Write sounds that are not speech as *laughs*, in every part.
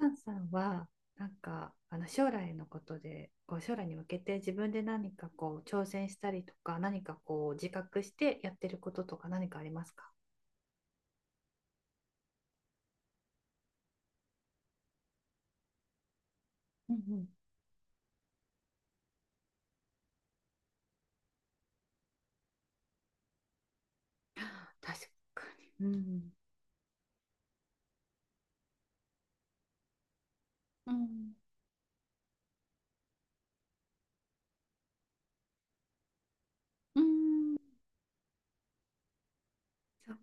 タンさんはなんかあの将来のことでこう将来に向けて自分で何かこう挑戦したりとか何かこう自覚してやってることとか何かありますか？うんうん。確かに。うん。うんうん。そう。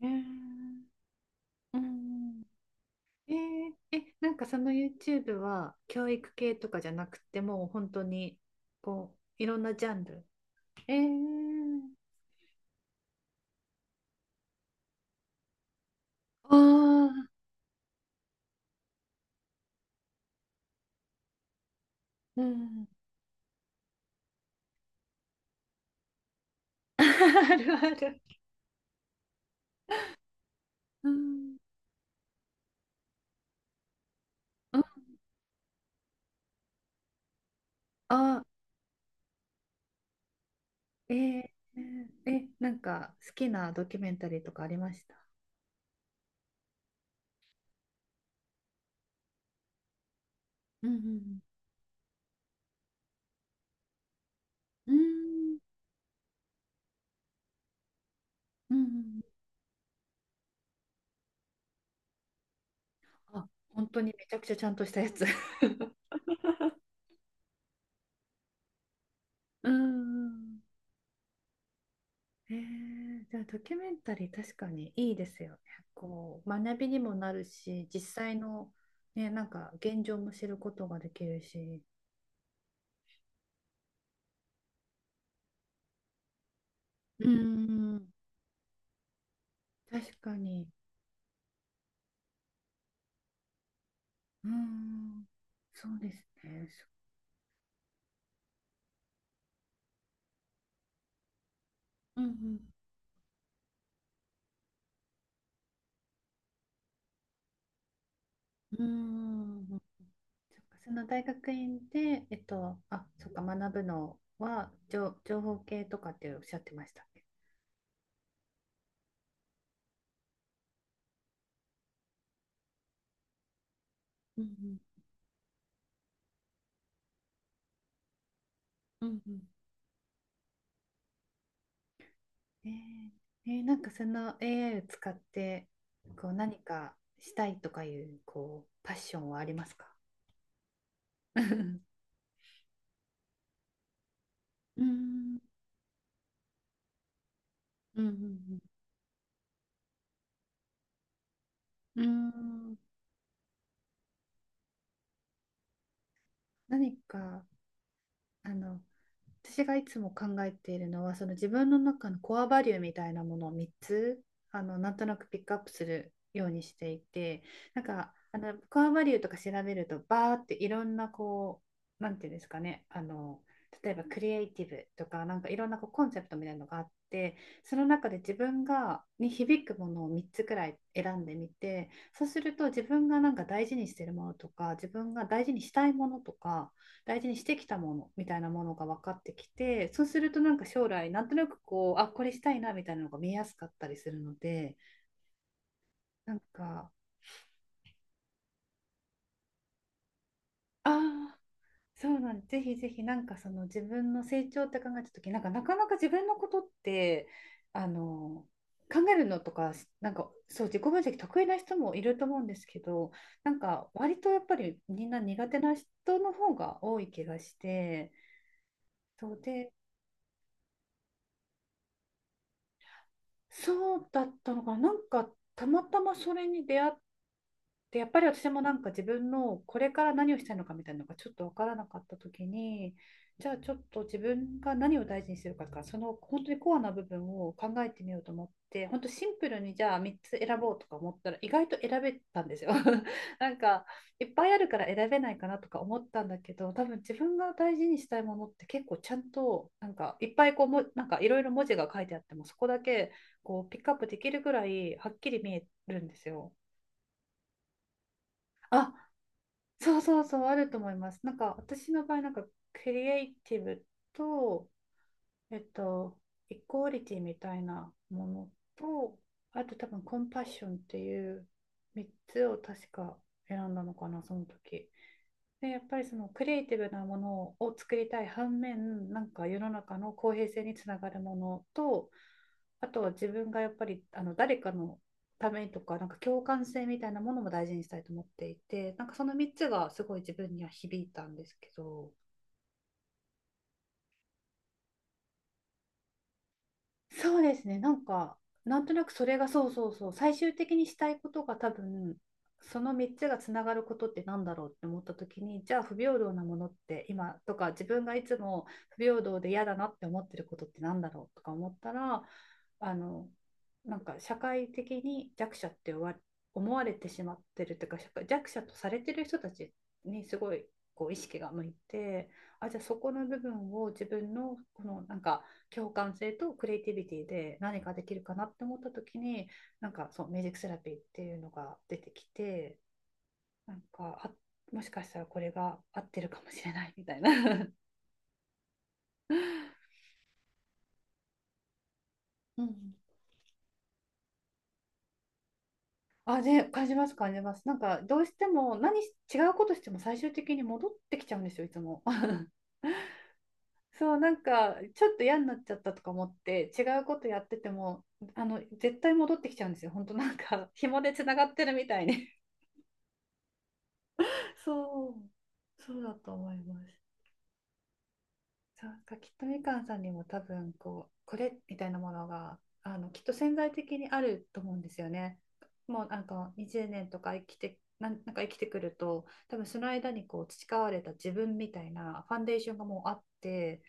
えーうん。えーえ、なんかその YouTube は教育系とかじゃなくてもう本当に、こういろんなジャンル。えー、あー、うん。 *laughs* あるある。うん。あ、えー、え、なんか好きなドキュメンタリーとかありましたうんうん。うんうん。うんうん。あ、本当にめちゃくちゃちゃんとしたやつ。*laughs* うん。じゃあドキュメンタリー確かにいいですよね。こう学びにもなるし、実際の、ね、なんか現状も知ることができるし、うん、確かに、うん、そうですね。そ、うんうん。うん。そっか、その大学院で、えっと、あ、そっか、学ぶのは情、情報系とかっておっしゃってましたっけ？うんうん。うんうん。なんかその AI を使ってこう何かしたいとかいうこうパッションはありますか？ *laughs* うーん、うん。うん。うん。うーん。何か、あの、私がいつも考えているのは、その自分の中のコアバリューみたいなものを3つ、あの、なんとなくピックアップするようにしていて、なんか、あの、コアバリューとか調べると、バーっていろんな、こう、なんていうんですかね、あの、例えばクリエイティブとか、なんかいろんなこうコンセプトみたいなのがあって、その中で自分がに響くものを3つくらい選んでみて、そうすると自分がなんか大事にしてるものとか、自分が大事にしたいものとか、大事にしてきたものみたいなものが分かってきて、そうするとなんか将来なんとなくこう、あ、これしたいな、みたいなのが見えやすかったりするので、なんか、あ、あ、そうなんです。ぜひぜひ、なんかその自分の成長って考えた時、なんかなかなか自分のことって、あの、考えるのとか、なんかそう自己分析得意な人もいると思うんですけど、なんか割とやっぱりみんな苦手な人の方が多い気がして、そうで、そうだったのかな、なんかたまたまそれに出会っ、で、やっぱり私もなんか自分のこれから何をしたいのかみたいなのがちょっと分からなかった時に、じゃあちょっと自分が何を大事にするかから、その本当にコアな部分を考えてみようと思って、本当シンプルにじゃあ3つ選ぼうとか思ったら意外と選べたんですよ。 *laughs*。なんかいっぱいあるから選べないかなとか思ったんだけど、多分自分が大事にしたいものって結構ちゃんと、なんかいっぱいこうも、なんかいろいろ文字が書いてあってもそこだけ、こうピックアップできるぐらいはっきり見えるんですよ。あ、そうそうそう、あると思います。なんか私の場合、なんかクリエイティブと、えっと、イコーリティみたいなものと、あと多分コンパッションっていう3つを確か選んだのかな、その時。で、やっぱりそのクリエイティブなものを作りたい反面、なんか世の中の公平性につながるものと、あとは自分がやっぱりあの誰かのためにとか、なんか共感性みたいなものも大事にしたいと思っていて、なんかその3つがすごい自分には響いたんですけど、そうですね。なんか、なんとなくそれが、そうそうそう、最終的にしたいことが多分、その3つがつながることってなんだろうって思った時に、じゃあ不平等なものって今とか、自分がいつも不平等で嫌だなって思ってることってなんだろうとか思ったら、あの、なんか社会的に弱者って思わ、思われてしまってるというか、社会弱者とされてる人たちにすごい、こう意識が向いて、あ、じゃあそこの部分を自分のこのなんか、共感性とクリエイティビティで何かできるかなって思った時に、なんかそうミュージックセラピーっていうのが出てきて、なんか、あ、もしかしたらこれが合ってるかもしれない、 *laughs* みたいな。*laughs* うん。あ、で感じます、感じます。なんか、どうしても、何、違うことしても最終的に戻ってきちゃうんですよ、いつも。 *laughs*。そう、なんか、ちょっと嫌になっちゃったとか思って、違うことやってても、あの、絶対戻ってきちゃうんですよ。本当なんか、紐でつながってるみたいに。そう、そうだと思います。そうなんかきっとみかんさんにも多分こう、これみたいなものがあのきっと潜在的にあると思うんですよね。もうなんか20年とか生きてなんなんか生きてくると多分その間にこう培われた自分みたいなファンデーションがもうあって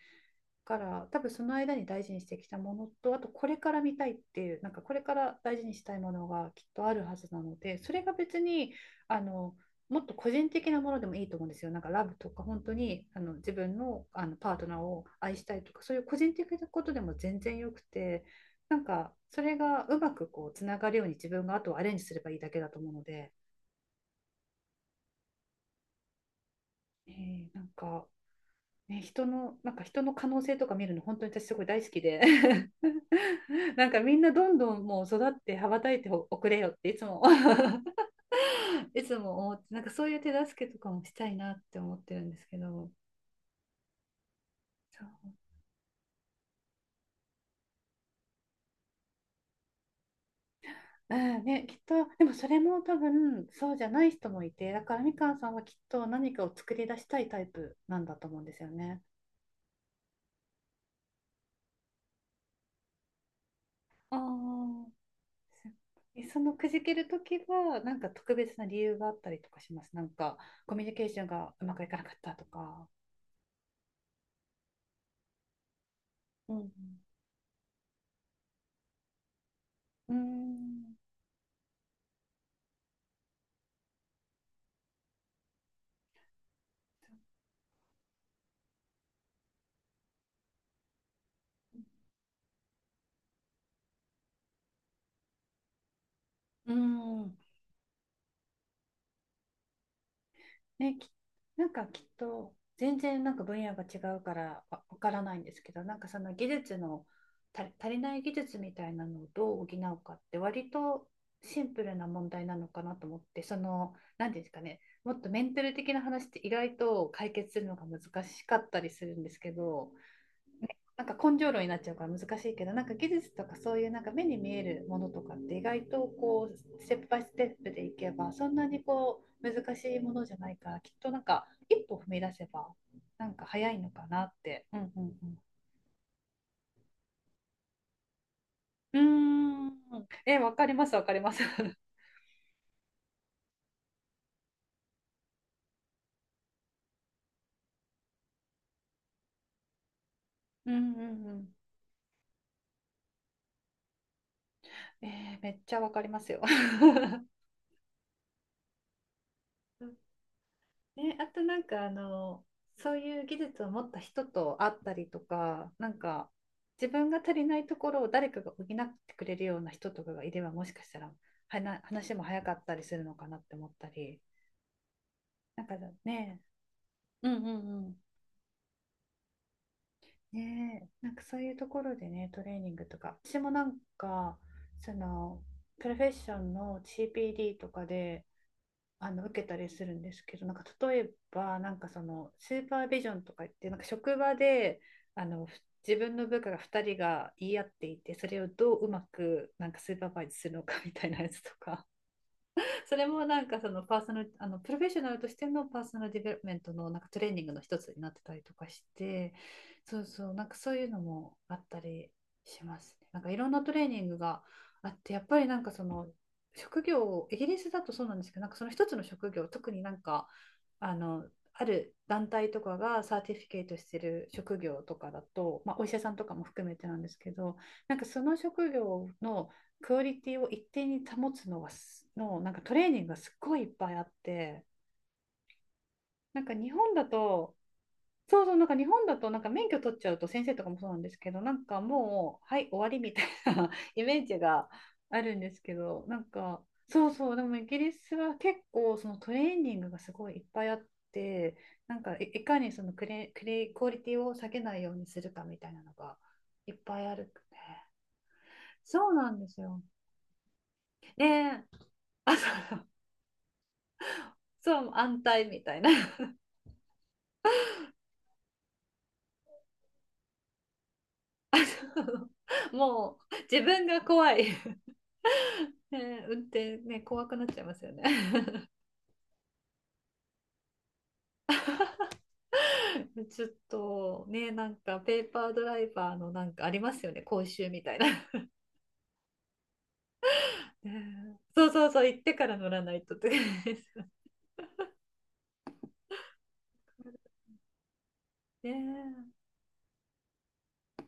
から、多分その間に大事にしてきたものと、あとこれから見たいっていうなんかこれから大事にしたいものがきっとあるはずなので、それが別に、あの、もっと個人的なものでもいいと思うんですよ。なんかラブとか、本当にあの自分の、あのパートナーを愛したいとか、そういう個人的なことでも全然よくて、なんかそれがうまくこうつながるように自分があとはアレンジすればいいだけだと思うので、なんかね、人の、なんか人の可能性とか見るの本当に私すごい大好きで、 *laughs* なんかみんなどんどんもう育って羽ばたいておくれよっていつも、 *laughs* いつも思って、なんかそういう手助けとかもしたいなって思ってるんですけど、そう、うん、ね、きっとでもそれも多分そうじゃない人もいて、だからみかんさんはきっと何かを作り出したいタイプなんだと思うんですよね。ああ、え、そのくじけるときは、なんか特別な理由があったりとかしますなんか、コミュニケーションがうまくいかなかったとか。うん、うーん。うーん、うん、ね、き、なんかきっと全然なんか分野が違うからわ、わからないんですけど、なんかその技術の、た、足りない技術みたいなのをどう補うかって割とシンプルな問題なのかなと思って、その、なんていうんですかね、もっとメンタル的な話って意外と解決するのが難しかったりするんですけど、なんか根性論になっちゃうから難しいけど、なんか技術とかそういうなんか目に見えるものとかって意外とこう、ステップバイステップでいけばそんなにこう難しいものじゃないから、きっとなんか一歩踏み出せば、なんか早いのかなって。うんうんうん。うーん。え、わかりますわかります。*laughs* うんうんうん。めっちゃわかりますよ。*laughs* ね、あとなんかあの、そういう技術を持った人と会ったりとか、なんか自分が足りないところを誰かが補ってくれるような人とかがいればもしかしたら、はな、話も早かったりするのかなって思ったり、なんか、ね、うんうんうん。ねえ、なんかそういうところでね、トレーニングとか、私もなんか、その、プロフェッションの CPD とかで、あの受けたりするんですけど、なんか例えば、なんかそのスーパービジョンとか言って、なんか職場で、あの、ふ、自分の部下が2人が言い合っていて、それをどううまくなんかスーパーバイズするのかみたいなやつとか、それもなんかそのパーソナル、あの、プロフェッショナルとしてのパーソナルディベロップメントのなんかトレーニングの一つになってたりとかして、そうそうなんかそういうのもあったりしますね。なんかいろんなトレーニングがあって、やっぱりなんかその職業を、イギリスだとそうなんですけど、なんかその一つの職業、特になんかあの、ある団体とかがサーティフィケートしてる職業とかだと、まあ、お医者さんとかも含めてなんですけど、なんかその職業のクオリティを一定に保つのはす、の、なんかトレーニングがすっごいいっぱいあって、なんか日本だと、そうそう、なんか日本だと、なんか免許取っちゃうと先生とかもそうなんですけど、なんかもう、はい、終わり、みたいな *laughs* イメージがあるんですけど、なんかそうそうでもイギリスは結構そのトレーニングがすごいいっぱいあって、なんかい、いかにそのクレ、クレ、クオリティを下げないようにするかみたいなのがいっぱいあるね。そうなんですよ。で、あ、そう安泰みたいな。 *laughs* もう自分が怖い。 *laughs* ね、運転ね怖くなっちゃいますよね。 *laughs* ちょっとね、なんかペーパードライバーのなんかありますよね講習みたいな、 *laughs*、ね、そうそうそう行ってから乗らないとって。 *laughs* ね